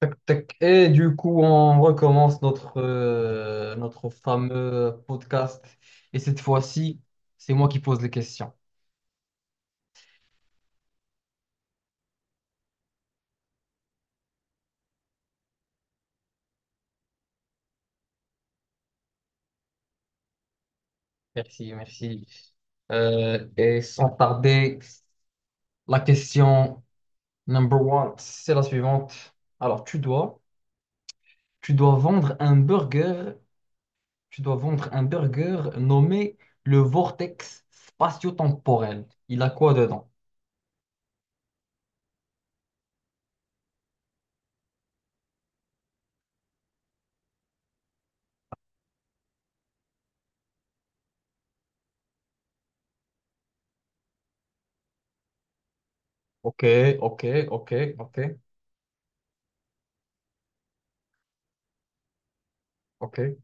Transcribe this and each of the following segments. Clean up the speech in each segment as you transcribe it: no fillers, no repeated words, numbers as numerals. Tac, tac. Et du coup, on recommence notre fameux podcast. Et cette fois-ci, c'est moi qui pose les questions. Merci, merci. Et sans tarder, la question number one, c'est la suivante. Alors, tu dois vendre un burger, tu dois vendre un burger nommé le Vortex spatio-temporel. Il a quoi dedans? Ok, ok, ok, ok, ok.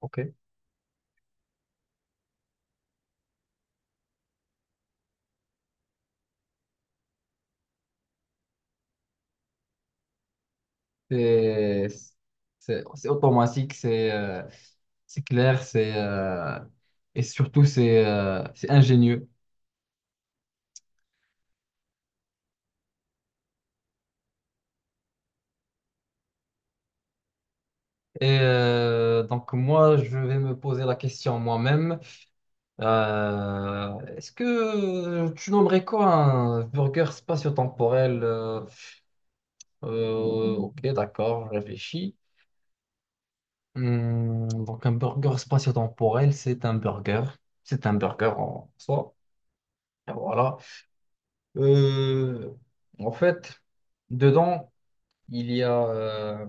Ok. C'est c'est automatique, c'est clair, c'est et surtout c'est ingénieux. Et donc moi, je vais me poser la question moi-même. Est-ce que tu nommerais quoi un burger spatio-temporel? Ok, d'accord, je réfléchis. Donc un burger spatio-temporel, c'est un burger. C'est un burger en soi. Et voilà. Euh, en fait, dedans, il y a, euh,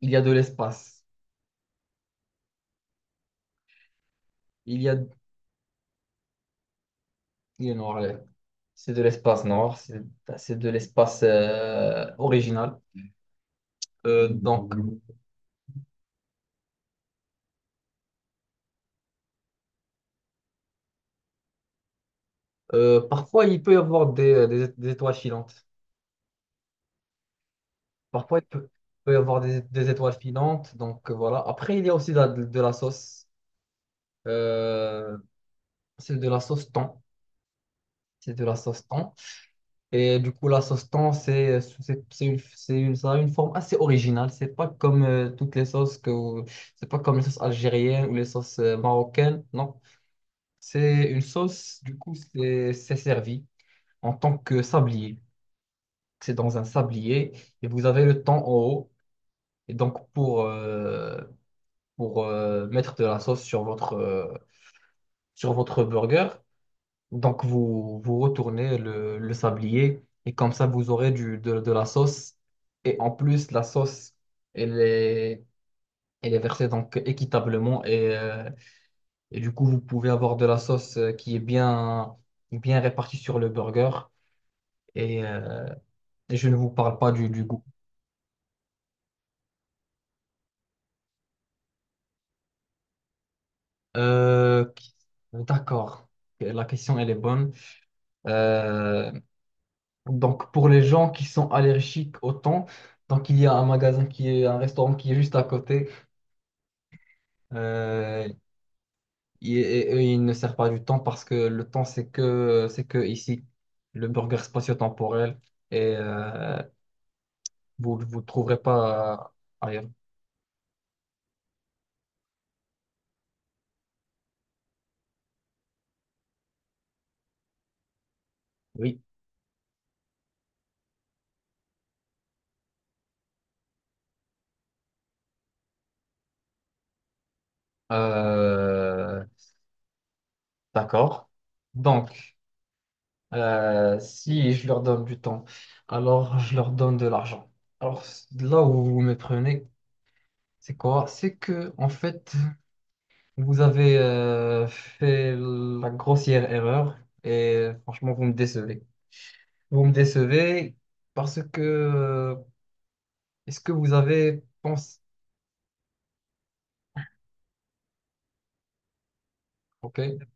il y a de l'espace. Il y a, il est noir, là. C'est de l'espace noir, c'est de l'espace original. Donc, parfois, il peut y avoir des étoiles filantes. Parfois, il peut y avoir des étoiles filantes. Donc, voilà. Après, il y a aussi de la sauce. Euh, c'est de la sauce thon. C'est de la sauce thon. Et du coup, la sauce thon, ça a une forme assez originale. C'est pas comme toutes les sauces c'est pas comme les sauces algériennes ou les sauces marocaines. Non, c'est une sauce. Du coup, c'est servi en tant que sablier. C'est dans un sablier et vous avez le thon en haut. Et donc pour mettre de la sauce sur votre burger, donc, vous retournez le sablier et comme ça, vous aurez de la sauce. Et en plus, la sauce, elle est, elle est versée donc équitablement. Et du coup, vous pouvez avoir de la sauce, qui est bien, bien répartie sur le burger. Et, euh, et je ne vous parle pas du goût. Euh, d'accord. La question, elle est bonne. Euh, donc, pour les gens qui sont allergiques au thon, donc il y a un restaurant qui est juste à côté. Euh, il- et, il ne sert pas du temps parce que le temps, c'est que ici, le burger spatio-temporel, et vous ne vous le trouverez pas ailleurs. Oui. Euh, d'accord. Donc, si je leur donne du temps, alors je leur donne de l'argent. Alors, là où vous me prenez, c'est quoi? C'est que, en fait, vous avez fait la grossière erreur et franchement, vous me décevez. Vous me décevez parce que est-ce que vous avez pensé. OK.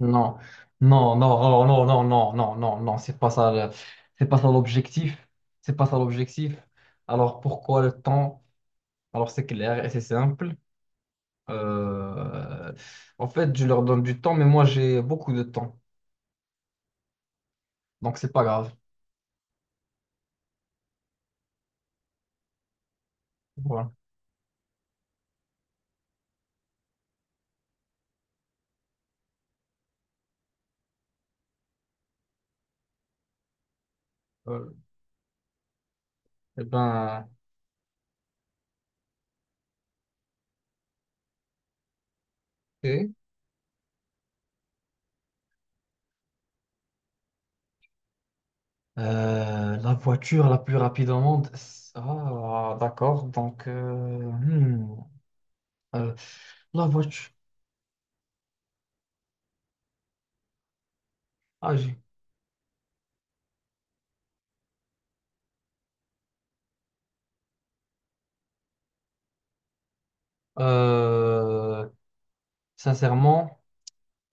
Non. Non, non, non, non, non, non, non, non, non, c'est pas ça le- c'est pas ça l'objectif. C'est pas ça l'objectif. Alors pourquoi le temps? Alors c'est clair et c'est simple. Euh, en fait, je leur donne du temps, mais moi j'ai beaucoup de temps. Donc c'est pas grave. Voilà. Euh, eh ben, OK. La voiture la plus rapide au monde. Ah, d'accord. Donc, hmm. Euh, la voiture. Ah, j'ai- Euh, sincèrement,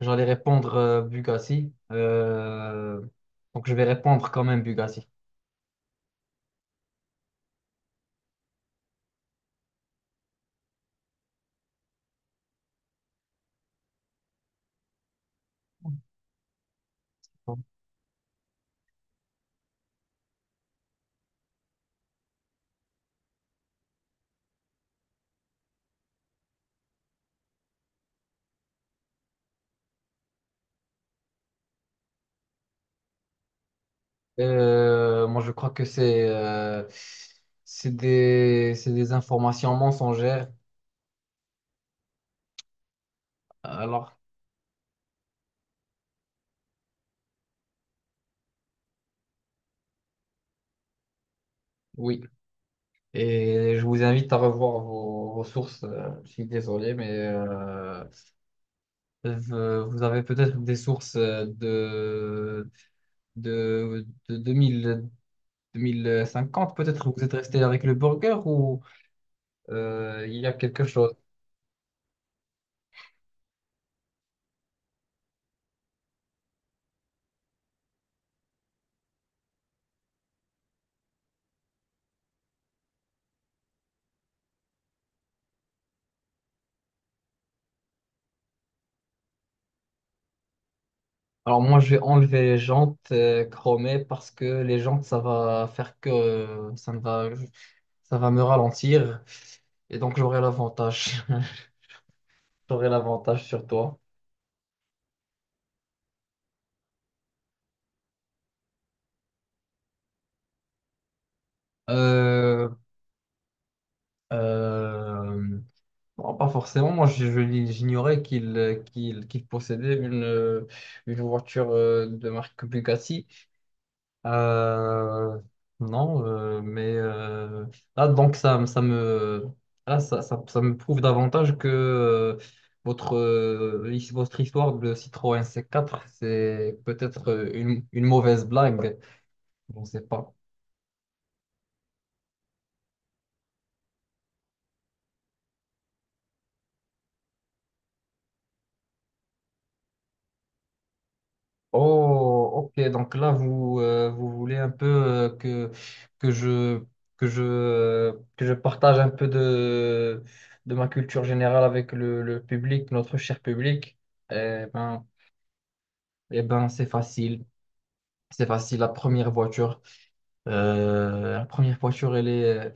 j'allais répondre Bugatti. Donc, je vais répondre quand même Bugatti. Moi, je crois que c'est des informations mensongères. Alors, oui. Et je vous invite à revoir vos sources. Je suis désolé, mais vous avez peut-être des sources de 2000 2050, peut-être vous êtes resté avec le burger ou il y a quelque chose. Alors moi, je vais enlever les jantes chromées parce que les jantes, ça va faire que ça va me ralentir et donc j'aurai l'avantage. J'aurai l'avantage sur toi. Euh, euh, bon, pas forcément. Moi, j'ignorais qu'il possédait une voiture de marque Bugatti. Euh, non, mais là, donc ça me, là, ça me prouve davantage que votre histoire de Citroën C4, c'est peut-être une mauvaise blague. Je ne sais pas. Oh, ok, donc là, vous voulez un peu que je, que je partage un peu de ma culture générale avec le public, notre cher public. Eh ben, Eh ben, c'est facile. C'est facile. La première voiture,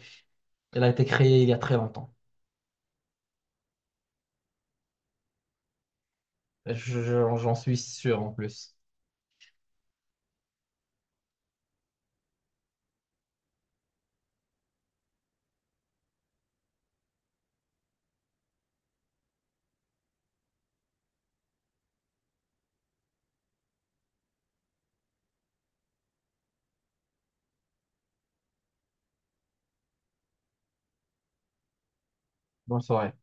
elle a été créée il y a très longtemps. Je- j'en suis sûr en plus. Bonne soirée.